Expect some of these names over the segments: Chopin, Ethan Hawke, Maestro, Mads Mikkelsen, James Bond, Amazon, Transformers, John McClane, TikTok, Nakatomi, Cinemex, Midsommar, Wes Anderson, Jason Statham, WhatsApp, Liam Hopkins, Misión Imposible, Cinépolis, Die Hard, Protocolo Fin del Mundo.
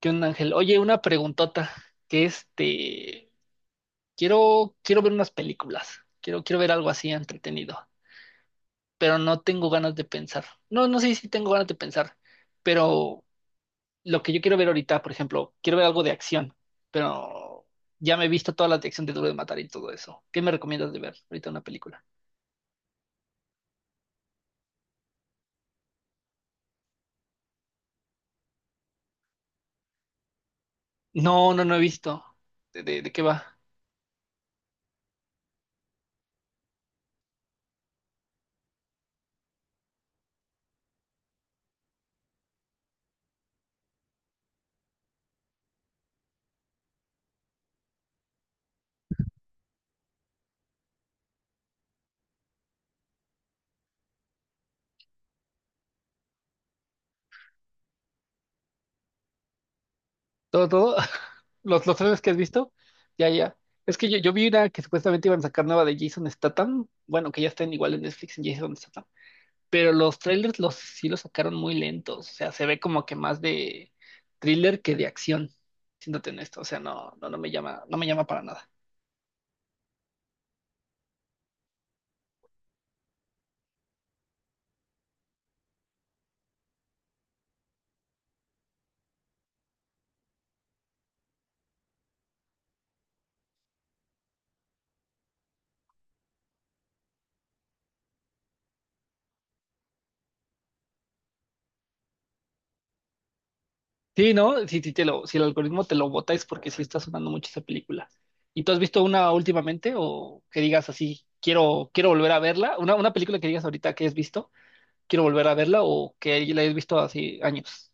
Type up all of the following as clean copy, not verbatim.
¿Qué onda, Ángel? Oye, una preguntota, que quiero ver unas películas, quiero ver algo así entretenido, pero no tengo ganas de pensar. No, no sé si tengo ganas de pensar, pero lo que yo quiero ver ahorita, por ejemplo, quiero ver algo de acción, pero ya me he visto toda la de acción de Duro de Matar y todo eso. ¿Qué me recomiendas de ver ahorita una película? No, no, no he visto. ¿De qué va? ¿Todo, todo? Los trailers que has visto, ya, ya. Es que yo vi una que supuestamente iban a sacar nueva de Jason Statham. Bueno, que ya están igual en Netflix en Jason Statham. Pero los trailers los, sí los sacaron muy lentos. O sea, se ve como que más de thriller que de acción. Siéndote en esto. O sea, no, no, no me llama, no me llama para nada. Sí, ¿no? Sí, sí te lo, si el algoritmo te lo bota es porque sí está sonando mucho esa película. ¿Y tú has visto una últimamente? O que digas así, quiero volver a verla. Una película que digas ahorita que has visto. Quiero volver a verla o que la hayas visto hace años.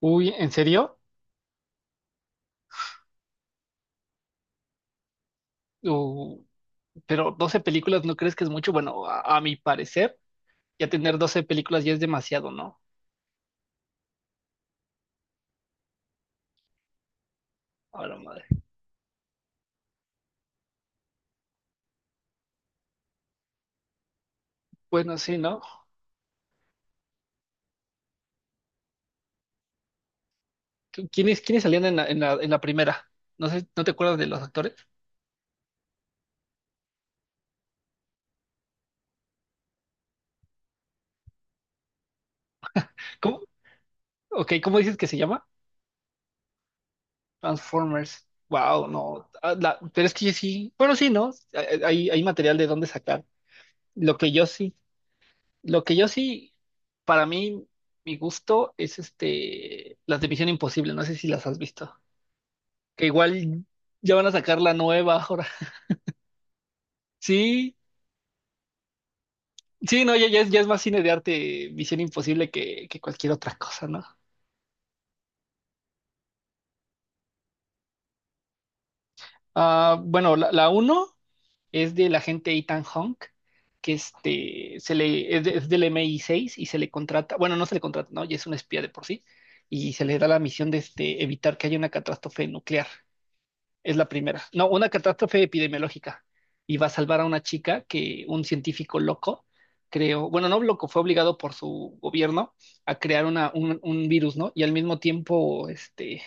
Uy, ¿en serio? Uh, pero 12 películas, ¿no crees que es mucho? Bueno, a mi parecer, ya tener 12 películas ya es demasiado, ¿no? A la madre. Bueno, sí, ¿no? ¿Quiénes salían en la primera? No sé, ¿no te acuerdas de los actores? ¿Cómo? Ok, ¿cómo dices que se llama? Transformers. Wow, no. Ah, pero es que sí. Bueno, sí, ¿no? Hay material de dónde sacar. Lo que yo sí Lo que yo sí, para mí, mi gusto es este, las de Misión Imposible, no sé si las has visto, que igual ya van a sacar la nueva ahora. Sí, sí, no, ya, ya es más cine de arte Misión Imposible que cualquier otra cosa, ¿no? Ah, bueno, la uno es del agente Ethan Hawke, que se le, es, de- es del MI6 y se le contrata, bueno, no se le contrata, ¿no? Ya es un espía de por sí, y se le da la misión de evitar que haya una catástrofe nuclear. Es la primera. No, una catástrofe epidemiológica. Y va a salvar a una chica que un científico loco creó, bueno, no loco, fue obligado por su gobierno a crear un virus, ¿no? Y al mismo tiempo, este,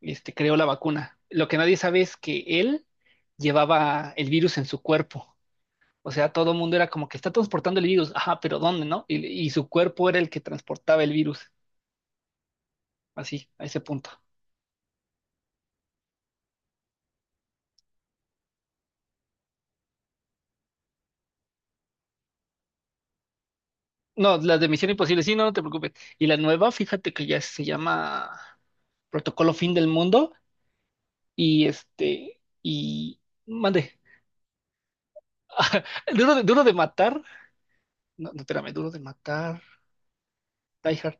este, creó la vacuna. Lo que nadie sabe es que él llevaba el virus en su cuerpo. O sea, todo el mundo era como que está transportando el virus. Ajá, pero ¿dónde, no? Y su cuerpo era el que transportaba el virus. Así, a ese punto. No, las de Misión Imposible, sí, no, no te preocupes. Y la nueva, fíjate que ya se llama Protocolo Fin del Mundo y mande. Duro de matar. No, no, espérame, duro de matar. Die Hard.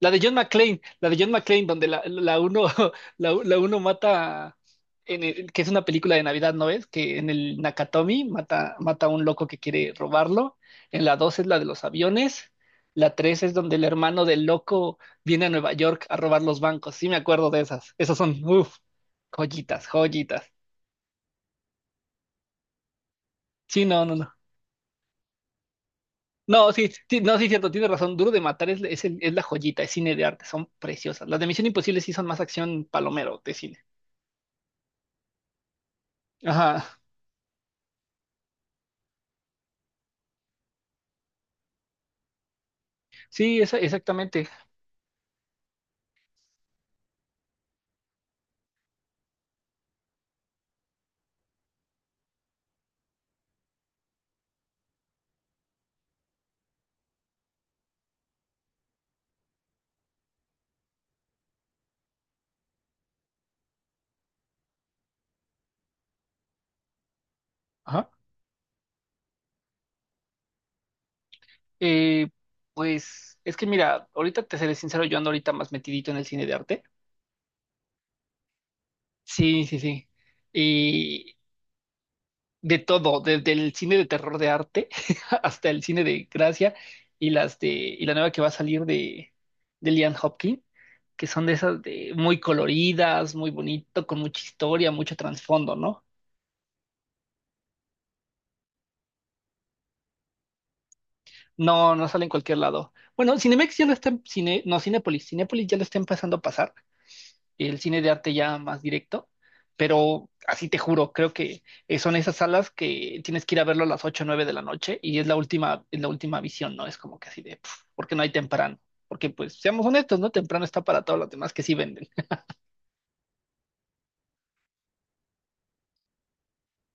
La de John McClane, donde la uno, la uno mata, que es una película de Navidad, ¿no es? Que en el Nakatomi mata a un loco que quiere robarlo. En la dos es la de los aviones. La tres es donde el hermano del loco viene a Nueva York a robar los bancos. Sí, me acuerdo de esas. Esas son, uff, joyitas, joyitas. Sí, no, no, no. No, sí, sí, no, sí, cierto, tienes razón. Duro de matar es la joyita, es cine de arte, son preciosas. Las de Misión Imposible sí son más acción palomero de cine. Ajá. Sí, esa, exactamente. Ajá. Eh, pues es que mira, ahorita te seré sincero, yo ando ahorita más metidito en el cine de arte. Sí, sí, sí. Y de todo, desde el cine de terror de arte hasta el cine de gracia y y la nueva que va a salir de Liam Hopkins, que son de esas de muy coloridas, muy bonito, con mucha historia, mucho trasfondo, ¿no? No, no sale en cualquier lado. Bueno, Cinemex ya lo está en cine, no, Cinépolis ya lo está empezando a pasar el cine de arte ya más directo, pero así te juro, creo que son esas salas que tienes que ir a verlo a las 8 o 9 de la noche y es la última visión, ¿no? Es como que así de, porque no hay temprano, porque pues seamos honestos, ¿no? Temprano está para todos los demás que sí venden.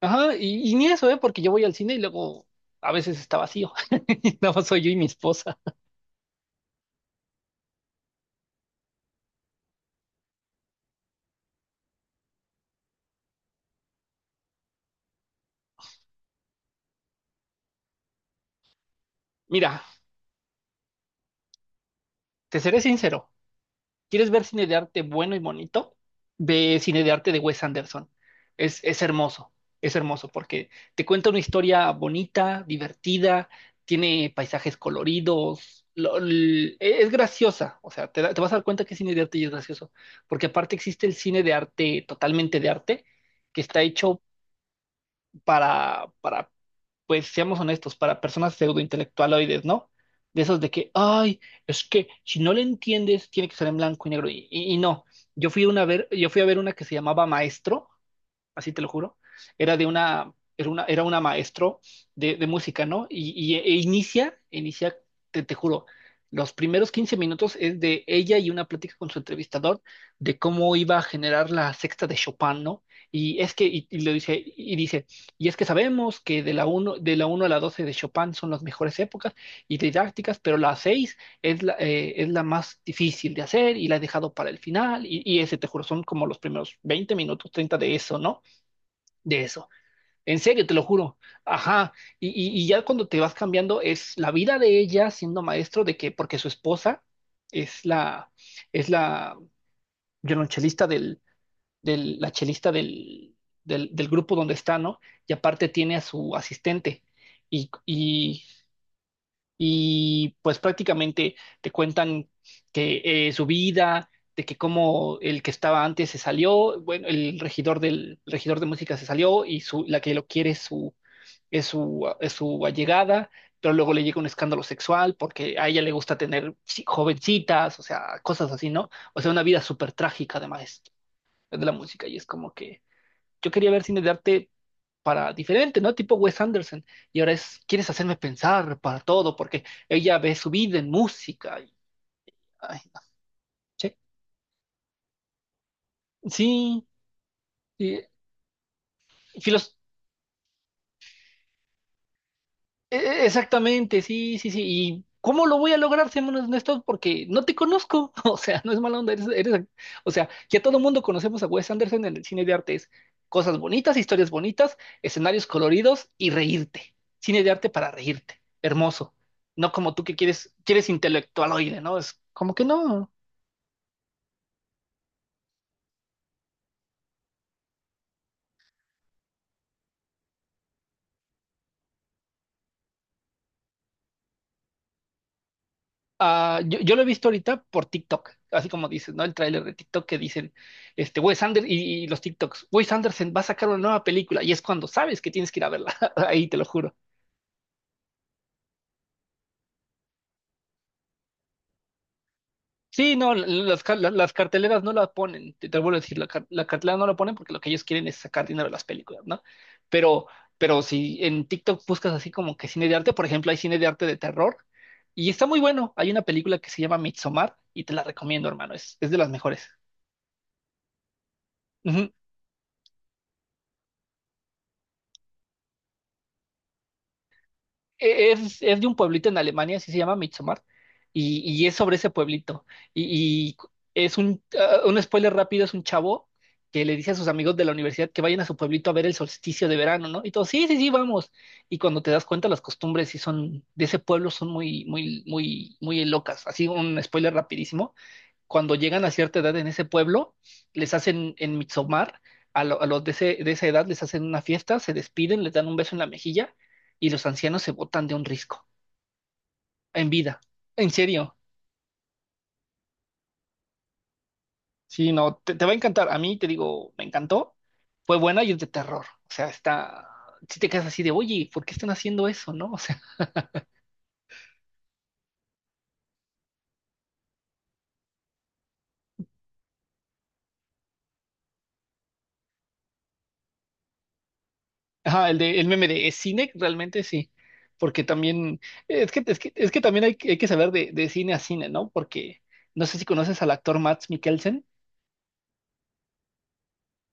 Ajá, y ni eso, ¿eh? Porque yo voy al cine y luego a veces está vacío, nada más soy yo y mi esposa. Mira, te seré sincero. ¿Quieres ver cine de arte bueno y bonito? Ve cine de arte de Wes Anderson. Es hermoso, es hermoso porque te cuenta una historia bonita, divertida, tiene paisajes coloridos, es graciosa, o sea, te vas a dar cuenta que es cine de arte y es gracioso, porque aparte existe el cine de arte, totalmente de arte, que está hecho para pues seamos honestos, para personas pseudointelectualoides, ¿no? De esos de que, ay, es que si no le entiendes, tiene que ser en blanco y negro. Y no, yo fui a ver una que se llamaba Maestro, así te lo juro, era de una, era una, era una maestro de música, ¿no? Inicia, te juro, los primeros 15 minutos es de ella y una plática con su entrevistador de cómo iba a generar la sexta de Chopin, ¿no? Y es que, y lo dice, y dice, y es que sabemos que de la uno a la 12 de Chopin son las mejores épocas y didácticas, pero la 6 es la más difícil de hacer y la he dejado para el final. Y ese, te juro, son como los primeros 20 minutos, 30 de eso, ¿no? De eso. En serio, te lo juro. Ajá. Y ya cuando te vas cambiando, es la vida de ella siendo maestro de que, porque su esposa es la, es la violonchelista la chelista del grupo donde está, ¿no? Y aparte tiene a su asistente. Y, y, y pues prácticamente te cuentan que su vida, de que como el que estaba antes se salió, bueno, el regidor de música se salió y la que lo quiere es su allegada, pero luego le llega un escándalo sexual porque a ella le gusta tener jovencitas, o sea, cosas así, ¿no? O sea, una vida súper trágica además de la música y es como que yo quería ver cine de arte para diferente, ¿no? Tipo Wes Anderson y ahora es, quieres hacerme pensar para todo porque ella ve su vida en música y, ay, no, sí, sí, y filos- Exactamente, sí, sí, sí. ¿Y cómo lo voy a lograr, seamos honestos? Porque no te conozco. O sea, no es mala onda. O sea, ya todo el mundo conocemos a Wes Anderson en el cine de arte. Es cosas bonitas, historias bonitas, escenarios coloridos y reírte. Cine de arte para reírte. Hermoso. No como tú que quieres intelectualoide, ¿no? Es como que no. Ah, yo lo he visto ahorita por TikTok, así como dices, ¿no? El tráiler de TikTok que dicen, Wes Anderson y los TikToks, Wes Anderson va a sacar una nueva película y es cuando sabes que tienes que ir a verla, ahí te lo juro. Sí, no, las carteleras no la ponen, te vuelvo a decir, la cartelera no la ponen porque lo que ellos quieren es sacar dinero de las películas, ¿no? Pero, pero si en TikTok buscas así como que cine de arte, por ejemplo, hay cine de arte de terror y está muy bueno. Hay una película que se llama Midsommar y te la recomiendo, hermano, es de las mejores. Es de un pueblito en Alemania, así se llama Midsommar, y, es sobre ese pueblito. Y, y es un spoiler rápido, es un chavo que le dice a sus amigos de la universidad que vayan a su pueblito a ver el solsticio de verano, ¿no? Y todos, sí, sí, sí, vamos. Y cuando te das cuenta, las costumbres sí de ese pueblo son muy, muy, muy, muy locas. Así un spoiler rapidísimo cuando llegan a cierta edad en ese pueblo, les hacen en Midsommar, a, lo- a los de, ese- de esa edad les hacen una fiesta, se despiden, les dan un beso en la mejilla y los ancianos se botan de un risco, en vida. En serio. Sí, no, te va a encantar. A mí, te digo, me encantó. Fue buena y es de terror. O sea, está. Si te quedas así de, oye, ¿por qué están haciendo eso, no? O sea, ajá, el meme de ¿es cine? Realmente sí. Porque también, es que también hay que saber de cine a cine, ¿no? Porque no sé si conoces al actor Mads Mikkelsen.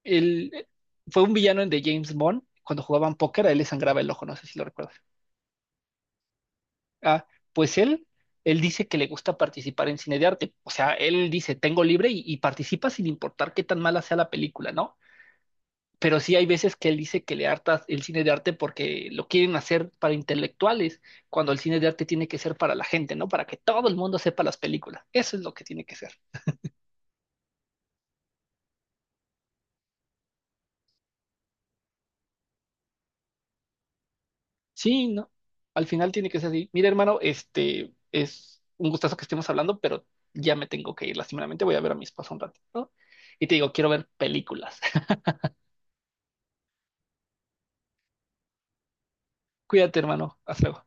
Él fue un villano en The James Bond. Cuando jugaban póker, a él le sangraba el ojo, no sé si lo recuerdas. Ah, pues él dice que le gusta participar en cine de arte. O sea, él dice, tengo libre y, participa sin importar qué tan mala sea la película, ¿no? Pero sí hay veces que él dice que le harta el cine de arte porque lo quieren hacer para intelectuales, cuando el cine de arte tiene que ser para la gente, ¿no? Para que todo el mundo sepa las películas. Eso es lo que tiene que ser. Sí, ¿no? Al final tiene que ser así. Mira, hermano, este es un gustazo que estemos hablando, pero ya me tengo que ir, lastimeramente. Voy a ver a mi esposa un ratito, ¿no? Y te digo, quiero ver películas. Cuídate, hermano. Hasta luego.